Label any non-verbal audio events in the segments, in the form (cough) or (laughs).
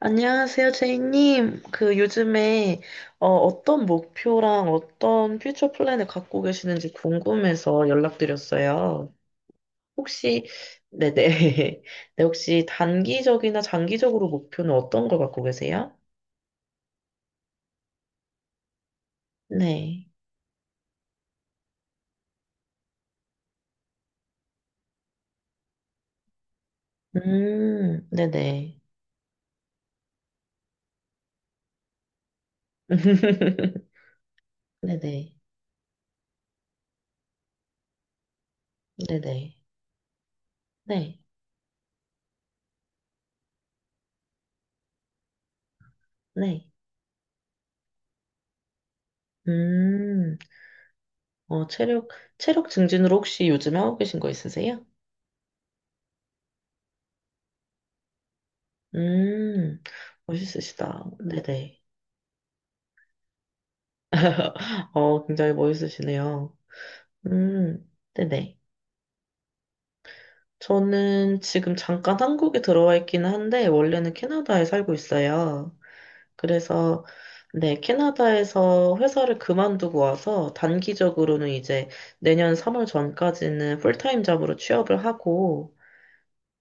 안녕하세요, 제이님. 그 요즘에 어떤 목표랑 어떤 퓨처 플랜을 갖고 계시는지 궁금해서 연락드렸어요. 혹시, 네네. (laughs) 네, 혹시 단기적이나 장기적으로 목표는 어떤 걸 갖고 계세요? 네. 네네. (laughs) 네네. 네네. 네. 네. 음, 어, 체력, 체력 증진으로 혹시 요즘에 하고 계신 거 있으세요? 음, 멋있으시다. 네네. (laughs) 굉장히 멋있으시네요. 네네. 저는 지금 잠깐 한국에 들어와 있기는 한데, 원래는 캐나다에 살고 있어요. 그래서, 네, 캐나다에서 회사를 그만두고 와서, 단기적으로는 이제 내년 3월 전까지는 풀타임 잡으로 취업을 하고,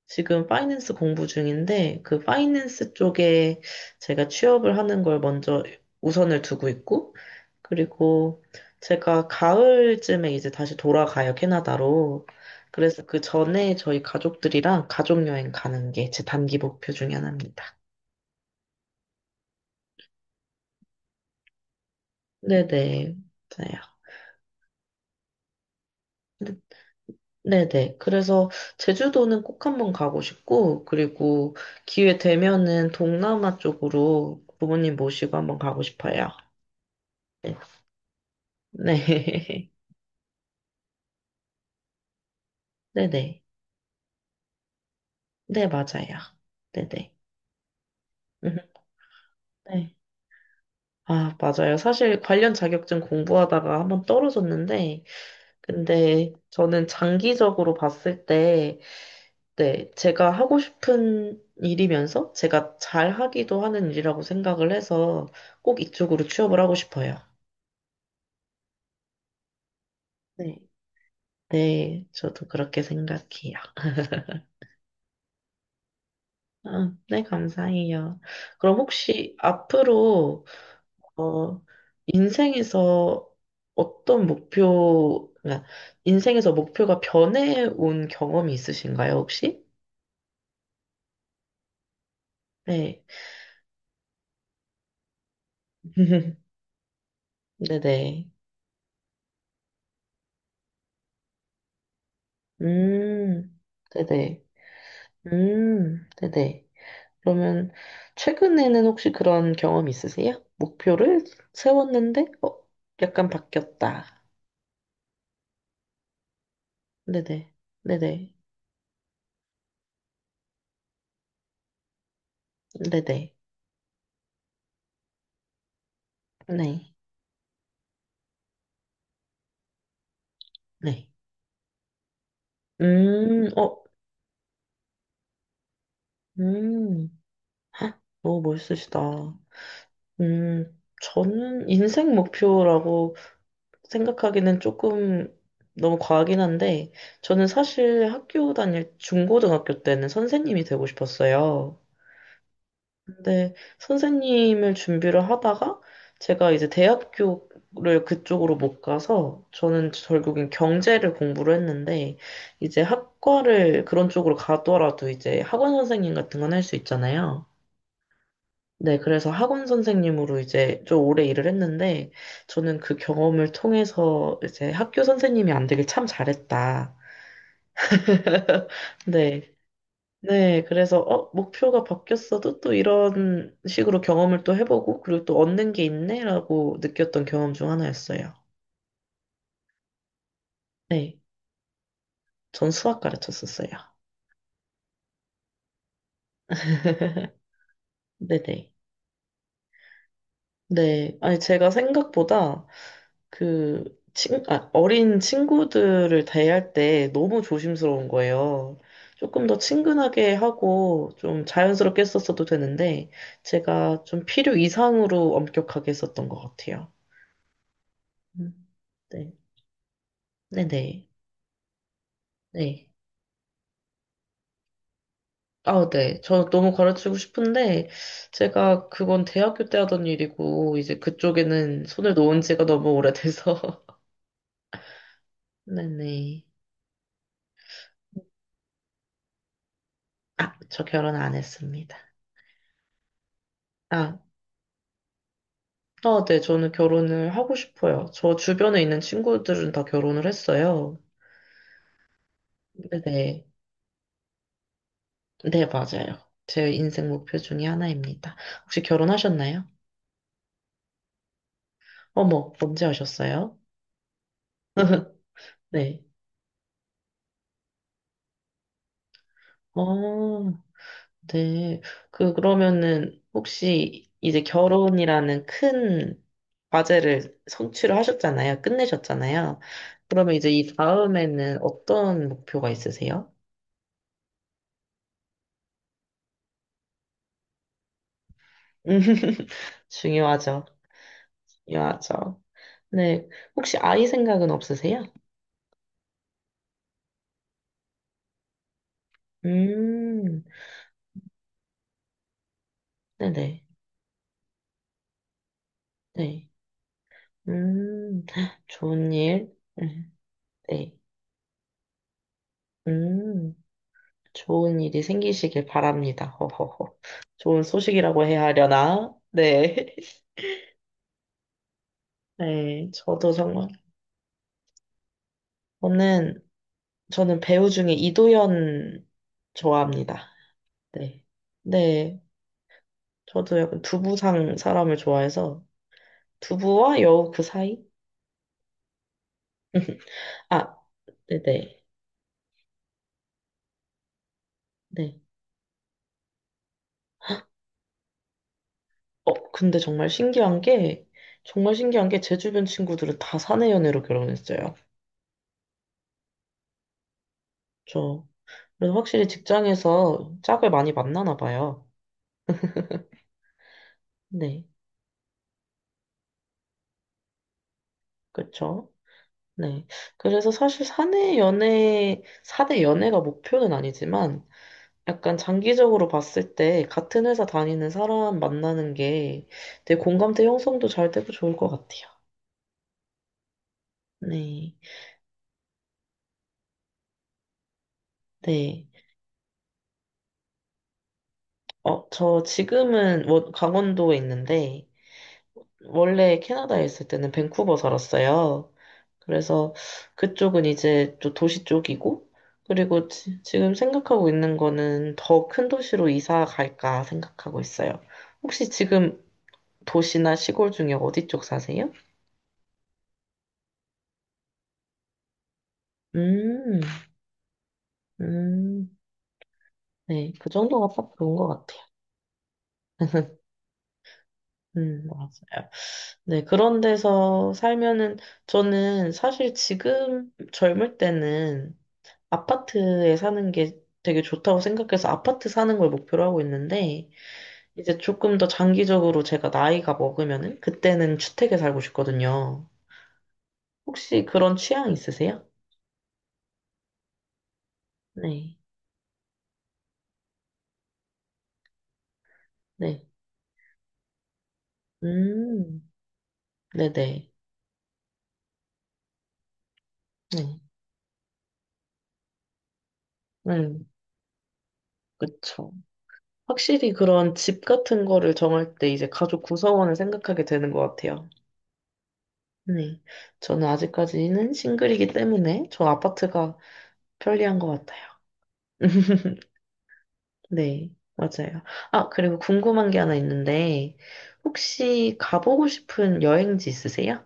지금 파이낸스 공부 중인데 그 파이낸스 쪽에 제가 취업을 하는 걸 먼저 우선을 두고 있고, 그리고 제가 가을쯤에 이제 다시 돌아가요, 캐나다로. 그래서 그 전에 저희 가족들이랑 가족 여행 가는 게 제 단기 목표 중에 하나입니다. 네네. 맞아요. 네- 네네. 그래서 제주도는 꼭 한번 가고 싶고, 그리고 기회 되면은 동남아 쪽으로 부모님 모시고 한번 가고 싶어요. 네. 네. (laughs) 네네. 네, 맞아요. 네네. 음, 네. 아, 맞아요. 사실 관련 자격증 공부하다가 한번 떨어졌는데, 근데 저는 장기적으로 봤을 때, 네, 제가 하고 싶은 일이면서 제가 잘 하기도 하는 일이라고 생각을 해서 꼭 이쪽으로 취업을 하고 싶어요. 네. 네, 저도 그렇게 생각해요. 아, 네, 감사해요. 그럼 혹시 앞으로 어, 인생에서 어떤 목표, 그러니까 인생에서 목표가 변해온 경험이 있으신가요, 혹시? 네. (laughs) 네네. 음, 네네. 네네. 그러면 최근에는 혹시 그런 경험 있으세요? 목표를 세웠는데, 약간 바뀌었다. 네네. 네네. 네네. 네. 네. 어, 음. 헉, 너무 멋있으시다. 저는 인생 목표라고 생각하기는 조금 너무 과하긴 한데, 저는 사실 학교 다닐 중고등학교 때는 선생님이 되고 싶었어요. 근데 선생님을 준비를 하다가 제가 이제 대학교를 그쪽으로 못 가서 저는 결국엔 경제를 공부를 했는데, 이제 학과를 그런 쪽으로 가더라도 이제 학원 선생님 같은 건 할 수 있잖아요. 네, 그래서 학원 선생님으로 이제 좀 오래 일을 했는데, 저는 그 경험을 통해서 이제 학교 선생님이 안 되길 참 잘했다. (laughs) 네, 네, 그래서, 목표가 바뀌었어도 또 이런 식으로 경험을 또 해보고, 그리고 또 얻는 게 있네라고 느꼈던 경험 중 하나였어요. 네, 전 수학 가르쳤었어요. 네네. 네. 아니, 제가 생각보다 그, 아, 어린 친구들을 대할 때 너무 조심스러운 거예요. 조금 더 친근하게 하고 좀 자연스럽게 했었어도 되는데, 제가 좀 필요 이상으로 엄격하게 했었던 것 같아요. 음, 네. 네네. 네. 아, 네. 저 너무 가르치고 싶은데, 제가 그건 대학교 때 하던 일이고, 이제 그쪽에는 손을 놓은 지가 너무 오래돼서. (laughs) 네네. 아, 저 결혼 안 했습니다. 아, 네, 저는 결혼을 하고 싶어요. 저 주변에 있는 친구들은 다 결혼을 했어요. 네, 네, 네, 맞아요. 제 인생 목표 중에 하나입니다. 혹시 결혼하셨나요? 어머, 언제 하셨어요? (laughs) 네. 어, 네. 그러면은, 혹시 이제 결혼이라는 큰 과제를 성취를 하셨잖아요. 끝내셨잖아요. 그러면 이제 이 다음에는 어떤 목표가 있으세요? (laughs) 중요하죠. 중요하죠. 네. 혹시 아이 생각은 없으세요? 음, 네네. 네. 네. 음, 좋은 일. 음, 네. 음, 좋은 일이 생기시길 바랍니다. 허허허. 좋은 소식이라고 해야 하려나? 네. (laughs) 네. 저도 정말. 저는, 저는 배우 중에 이도현 좋아합니다. 네. 네. 저도 약간 두부상 사람을 좋아해서 두부와 여우 그 사이? (laughs) 아, 네네. 네. 네. 근데 정말 신기한 게, 정말 신기한 게 제 주변 친구들은 다 사내 연애로 결혼했어요. 저, 그래서 확실히 직장에서 짝을 많이 만나나 봐요. 네, 그쵸? 네. 그래서 사실 사내 연애, 사내 연애가 목표는 아니지만, 약간 장기적으로 봤을 때 같은 회사 다니는 사람 만나는 게 되게 공감대 형성도 잘 되고 좋을 것 같아요. 네, 네. 저 지금은 강원도에 있는데, 원래 캐나다에 있을 때는 밴쿠버 살았어요. 그래서 그쪽은 이제 또 도시 쪽이고, 그리고 지금 생각하고 있는 거는 더 큰 도시로 이사 갈까 생각하고 있어요. 혹시 지금 도시나 시골 중에 어디 쪽 사세요? 음, 음, 네, 그 정도가 딱 좋은 것 같아요. 맞아요. 네, 그런 데서 살면은, 저는 사실 지금 젊을 때는 아파트에 사는 게 되게 좋다고 생각해서 아파트 사는 걸 목표로 하고 있는데, 이제 조금 더 장기적으로 제가 나이가 먹으면은, 그때는 주택에 살고 싶거든요. 혹시 그런 취향 있으세요? 네, 네. 음, 네네. 네. 음, 그쵸. 확실히 그런 집 같은 거를 정할 때 이제 가족 구성원을 생각하게 되는 것 같아요. 네. 저는 아직까지는 싱글이기 때문에 저 아파트가 편리한 것 같아요. (laughs) 네, 맞아요. 아, 그리고 궁금한 게 하나 있는데, 혹시 가보고 싶은 여행지 있으세요?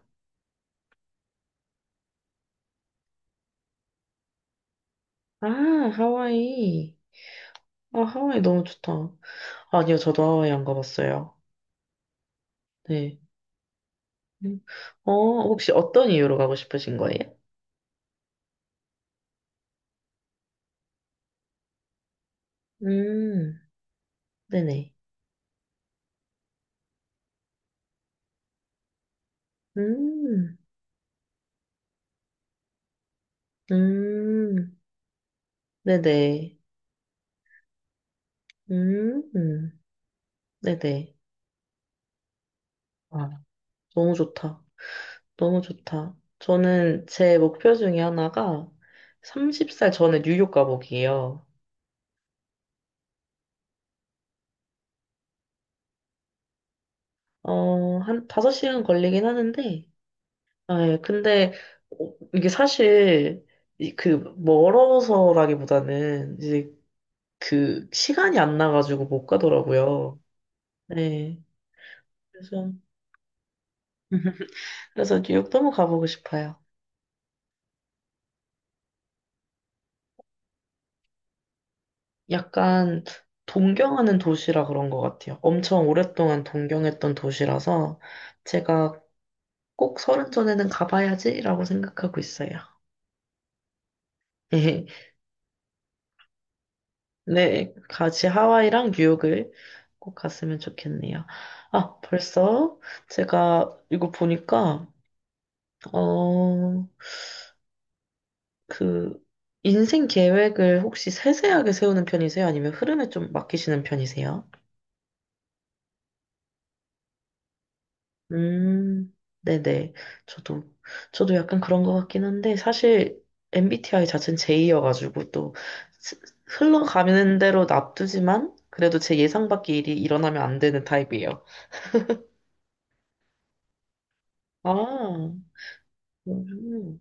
아, 하와이. 아, 하와이 너무 좋다. 아니요, 저도 하와이 안 가봤어요. 네. 음, 어, 혹시 어떤 이유로 가고 싶으신 거예요? 음, 네네. 음, 음, 네네. 음, 네네. 아, 너무 좋다. 너무 좋다. 저는 제 목표 중에 하나가 30살 전에 뉴욕 가보기예요. 한 5시간 걸리긴 하는데, 아, 예, 근데 어, 이게 사실 그 멀어서라기보다는 이제 그 시간이 안 나가지고 못 가더라고요. 네. 그래서 (laughs) 그래서 뉴욕 너무 가보고 싶어요. 약간 동경하는 도시라 그런 것 같아요. 엄청 오랫동안 동경했던 도시라서 제가 꼭 30 전에는 가봐야지라고 생각하고 있어요. (laughs) 네, 같이 하와이랑 뉴욕을 꼭 갔으면 좋겠네요. 아, 벌써 제가 이거 보니까, 어, 그, 인생 계획을 혹시 세세하게 세우는 편이세요? 아니면 흐름에 좀 맡기시는 편이세요? 음, 네네. 저도, 저도 약간 그런 것 같긴 한데, 사실 MBTI 자체는 J여가지고 또 스- 흘러가는 대로 놔두지만, 그래도 제 예상 밖의 일이 일어나면 안 되는 타입이에요. 아, 음,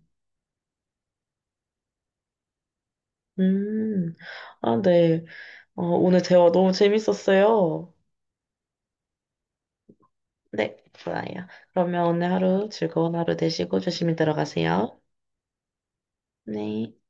음. 아, 네. 오늘 대화 너무 재밌었어요. 네, 좋아요. 그러면 오늘 하루 즐거운 하루 되시고 조심히 들어가세요. 네.